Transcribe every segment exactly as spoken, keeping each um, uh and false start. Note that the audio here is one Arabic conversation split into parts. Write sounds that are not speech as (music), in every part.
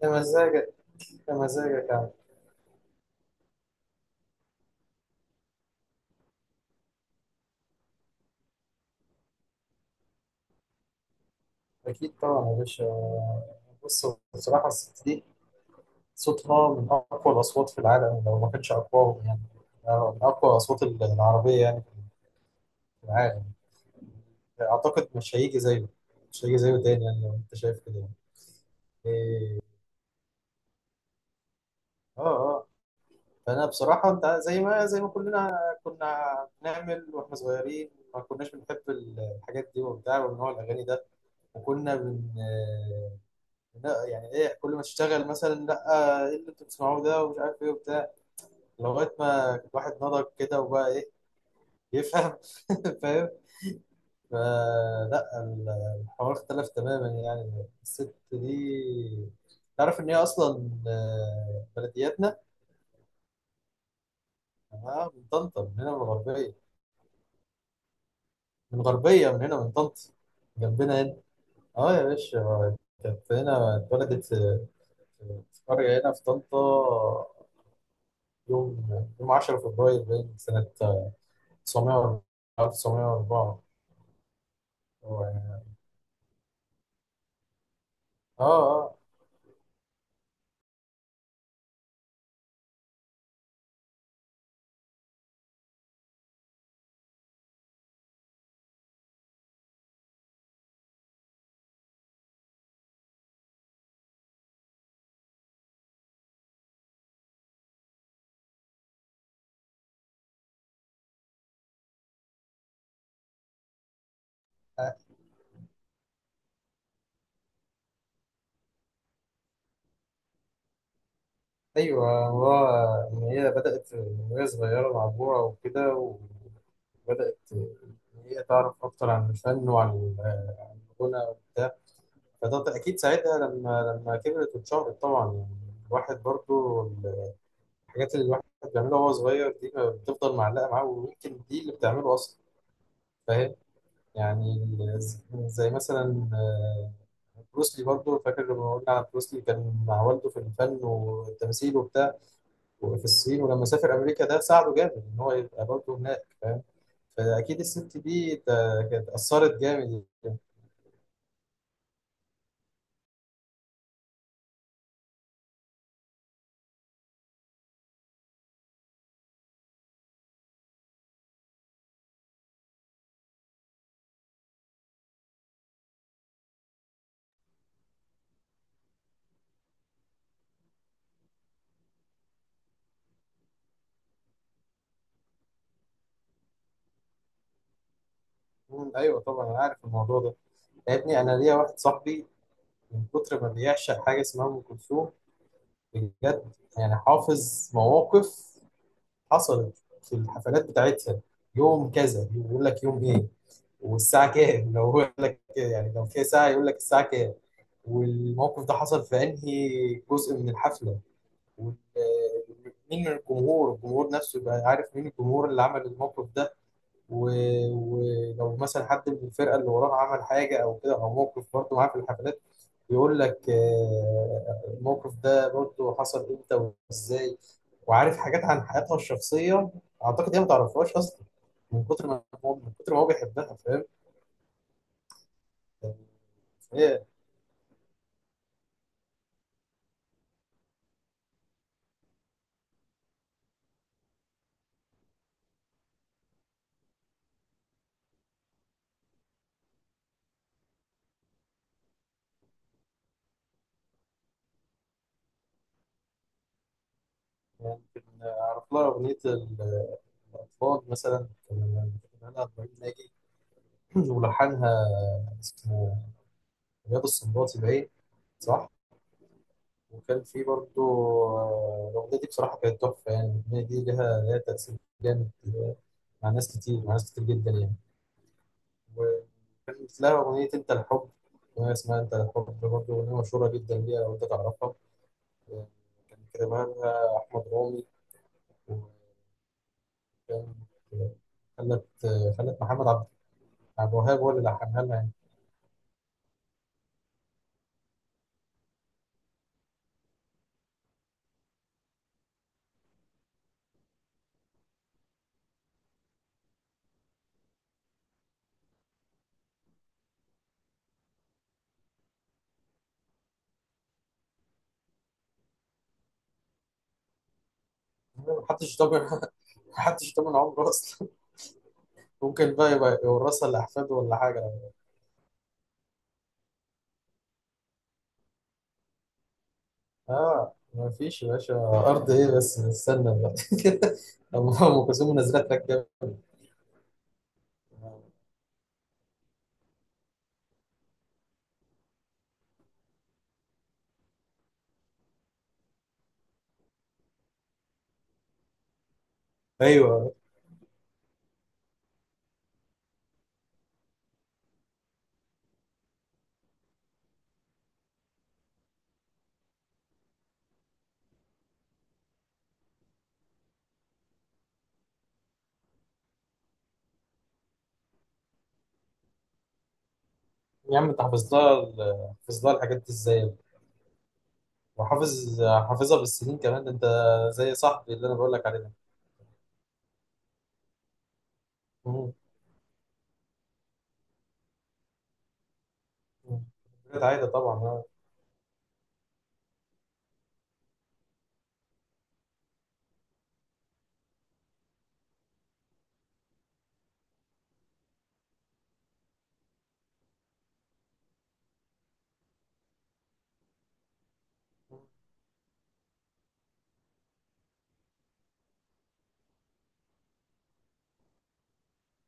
ده مزاجك ده مزاجك يعني. أكيد طبعا يا باشا. بص. بصراحة الست دي صوتها من أقوى الأصوات في العالم، لو ما كانش أقواهم يعني. آه، من أقوى الأصوات ال- العربية يعني في العالم. أعتقد مش هيجي زيه مش هيجي زيه تاني يعني، لو أنت شايف كده يعني. إيه، آه آه. فأنا بصراحة أنت زي ما زي ما كلنا كنا بنعمل وإحنا صغيرين، ما كناش بنحب الحاجات دي وبتاع والنوع الأغاني ده. وكنا بن لا يعني ايه، كل ما تشتغل مثلا: لا، ايه اللي انتوا بتسمعوه ده ومش عارف ايه وبتاع. لغايه ما الواحد نضج كده وبقى ايه، يفهم. (laughs) فاهم. فلا ال- الحوار اختلف تماما يعني. الست دي تعرف ان هي اصلا آه، بلدياتنا. اه، من طنطا، من هنا من الغربيه. من الغربيه من هنا من طنطا، جنبنا هنا. اه يا باشا. كانت هنا، اتولدت في في قريه هنا في طنطا. يوم يوم 10 فبراير باين سنة تسعمية وأربعة تسعمية وأربعة. هو يعني. اه اه. آه، ايوه هو، ان هي بدأت من وهي صغيرة مع أبوها وكده. وبدأت إن هي تعرف أكتر عن الفن وعن الغنى وبتاع. فده أكيد ساعتها لما لما كبرت واتشهرت. طبعا يعني، الواحد برضو الحاجات اللي الواحد بيعملها وهو صغير دي بتفضل معلقة معاه، ويمكن دي اللي بتعمله أصلا يعني. ز- زي مثلا آه، بروسلي. برضه فاكر لما قلنا على بروسلي، كان مع والده في الفن والتمثيل وبتاع وفي الصين، ولما سافر امريكا ده ساعده جامد ان هو يبقى برضه هناك، فاهم. فاكيد الست دي تا- كانت اثرت جامد. مم، ايوه طبعا انا عارف الموضوع ده. يا ابني انا ليا واحد صاحبي، من كتر ما بيعشق حاجه اسمها ام كلثوم. بجد. يعني حافظ مواقف حصلت في الحفلات بتاعتها. يوم كذا يقول لك يوم ايه، والساعة كام، لو هو يقول لك يعني لو فيها ساعة، يقول لك الساعة كام. والموقف ده حصل في أنهي جزء من الحفلة، وال- مين من الجمهور. الجمهور نفسه يبقى عارف مين الجمهور اللي عمل الموقف ده. و... ولو مثلا حد من الفرقة اللي وراه عمل حاجة أو كده أو موقف برضه معاه في الحفلات، يقول لك آه، الموقف ده برضه حصل إمتى وإزاي. وعارف حاجات عن حياتها الشخصية أعتقد هي ما تعرفهاش أصلا، من كتر ما هو من كتر ما هو بيحبها. فاهم. ممكن أعرف لها أغنية ال- الأطفال مثلا، كان أنا إبراهيم ناجي (clears throat) ولحنها اسمه رياض السنباطي باين، صح؟ وكان في برضه آه، الأغنية دي بصراحة كانت تحفة يعني. الأغنية دي لها لها تأثير جامد آه، مع ناس كتير، مع ناس كتير جدا يعني. وكانت لها أغنية أنت الحب، أغنية اسمها أنت الحب برضه، أغنية مشهورة جدا ليها، لو أنت تعرفها. آه، كان كتبها لها أحمد رامي، وكان آه، خلت خلت محمد عبد عبد الوهاب هو اللي لحنها لها يعني. محدش ضامن. (laughs) محدش ضامن عمره اصلا، ممكن بقى يبقى يورثها لاحفاده ولا حاجه. اه ما فيش يا باشا، ارض ايه بس نستنى بقى. (laughs) أما ام كلثوم نزلها تراك جامد. ايوه. يا عم انت حافظ لها ال- حافظ لها الحاجات دي ازاي، وحافظ حافظها بالسنين كمان. ده انت زي صاحبي اللي انا بقول لك عليه ده. مم. مم. كانت عايده طبعا آه.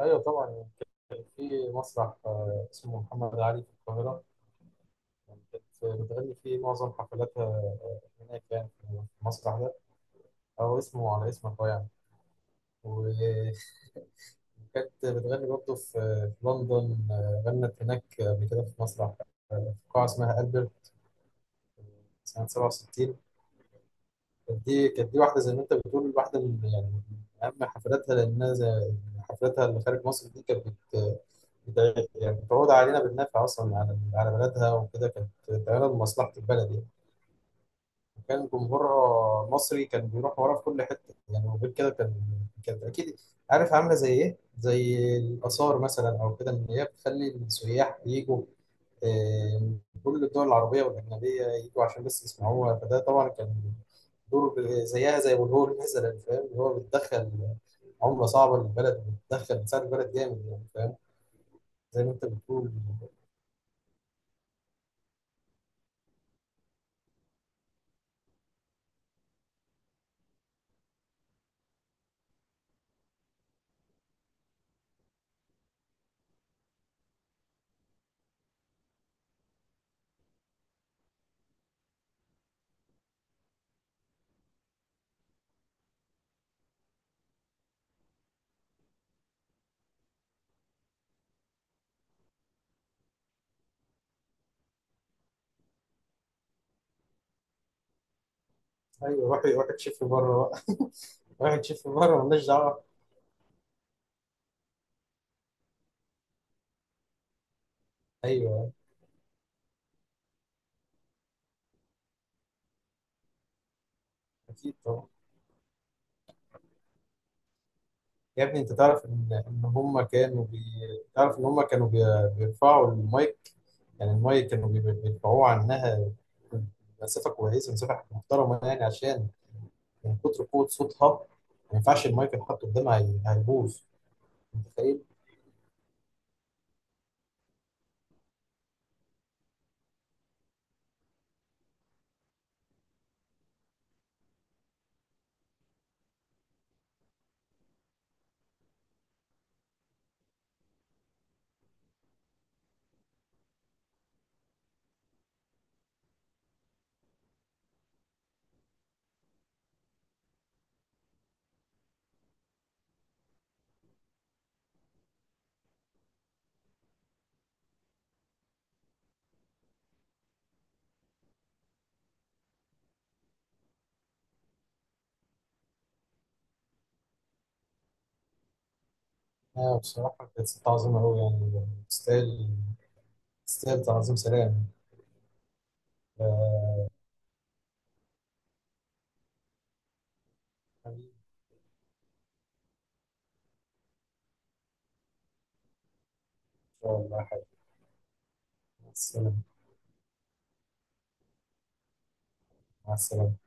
ايوه طبعا. كان في مسرح آه، اسمه محمد علي في القاهره، كانت بتغني فيه معظم حفلاتها هناك، يعني في مسرح ده هو اسمه على اسمك هو يعني. وكانت بتغني برضه في في لندن، آه، غنت هناك قبل كده، في مسرح آه، في قاعة اسمها ألبرت آه، سنة سبعة وستين. كانت دي كانت دي واحدة زي ما أنت بتقول، واحدة من يعني من أهم حفلاتها، لأنها زي حفلاتها اللي خارج مصر دي، كانت بت- بت- يعني بتعود علينا بالنفع أصلا، على على بلدها وكده، كانت بتعملها لمصلحة البلد يعني. كان جمهور مصري كان بيروح ورا في كل حته يعني، وغير كده كان، كانت اكيد، عارف عامله زي ايه؟ زي الاثار مثلا او كده، ان هي بتخلي السياح يجوا آه، من كل الدول العربيه والاجنبيه، يجوا عشان بس يسمعوها. فده طبعا كان دور ب- زيها زي والهول مثلا، فاهم؟ اللي هو بتدخل عمله صعبه للبلد، بتدخل بتساعد البلد جامد يعني، فاهم؟ زي ما انت بتقول. ايوه روح روح تشوف بره بقى. (laughs) روح تشوف بره مالناش دعوه. ايوه اكيد طبعا. يا ابني انت تعرف ان ان هم كانوا بي... تعرف ان هم كانوا بي... بيرفعوا المايك. يعني المايك كانوا بي... بيرفعوه عنها مسافه كويسه مسافه محترمه يعني، عشان من كتر قوه صوتها ما ينفعش المايك يتحط قدامها، هي- هيبوظ. انت متخيل؟ اه بصراحه كانت ست عظيمه قوي، يعني تستاهل، تستاهل تعظيم سلام. آه، حبيبي ان شاء الله يا حبيبي. مع السلامه. مع السلامه.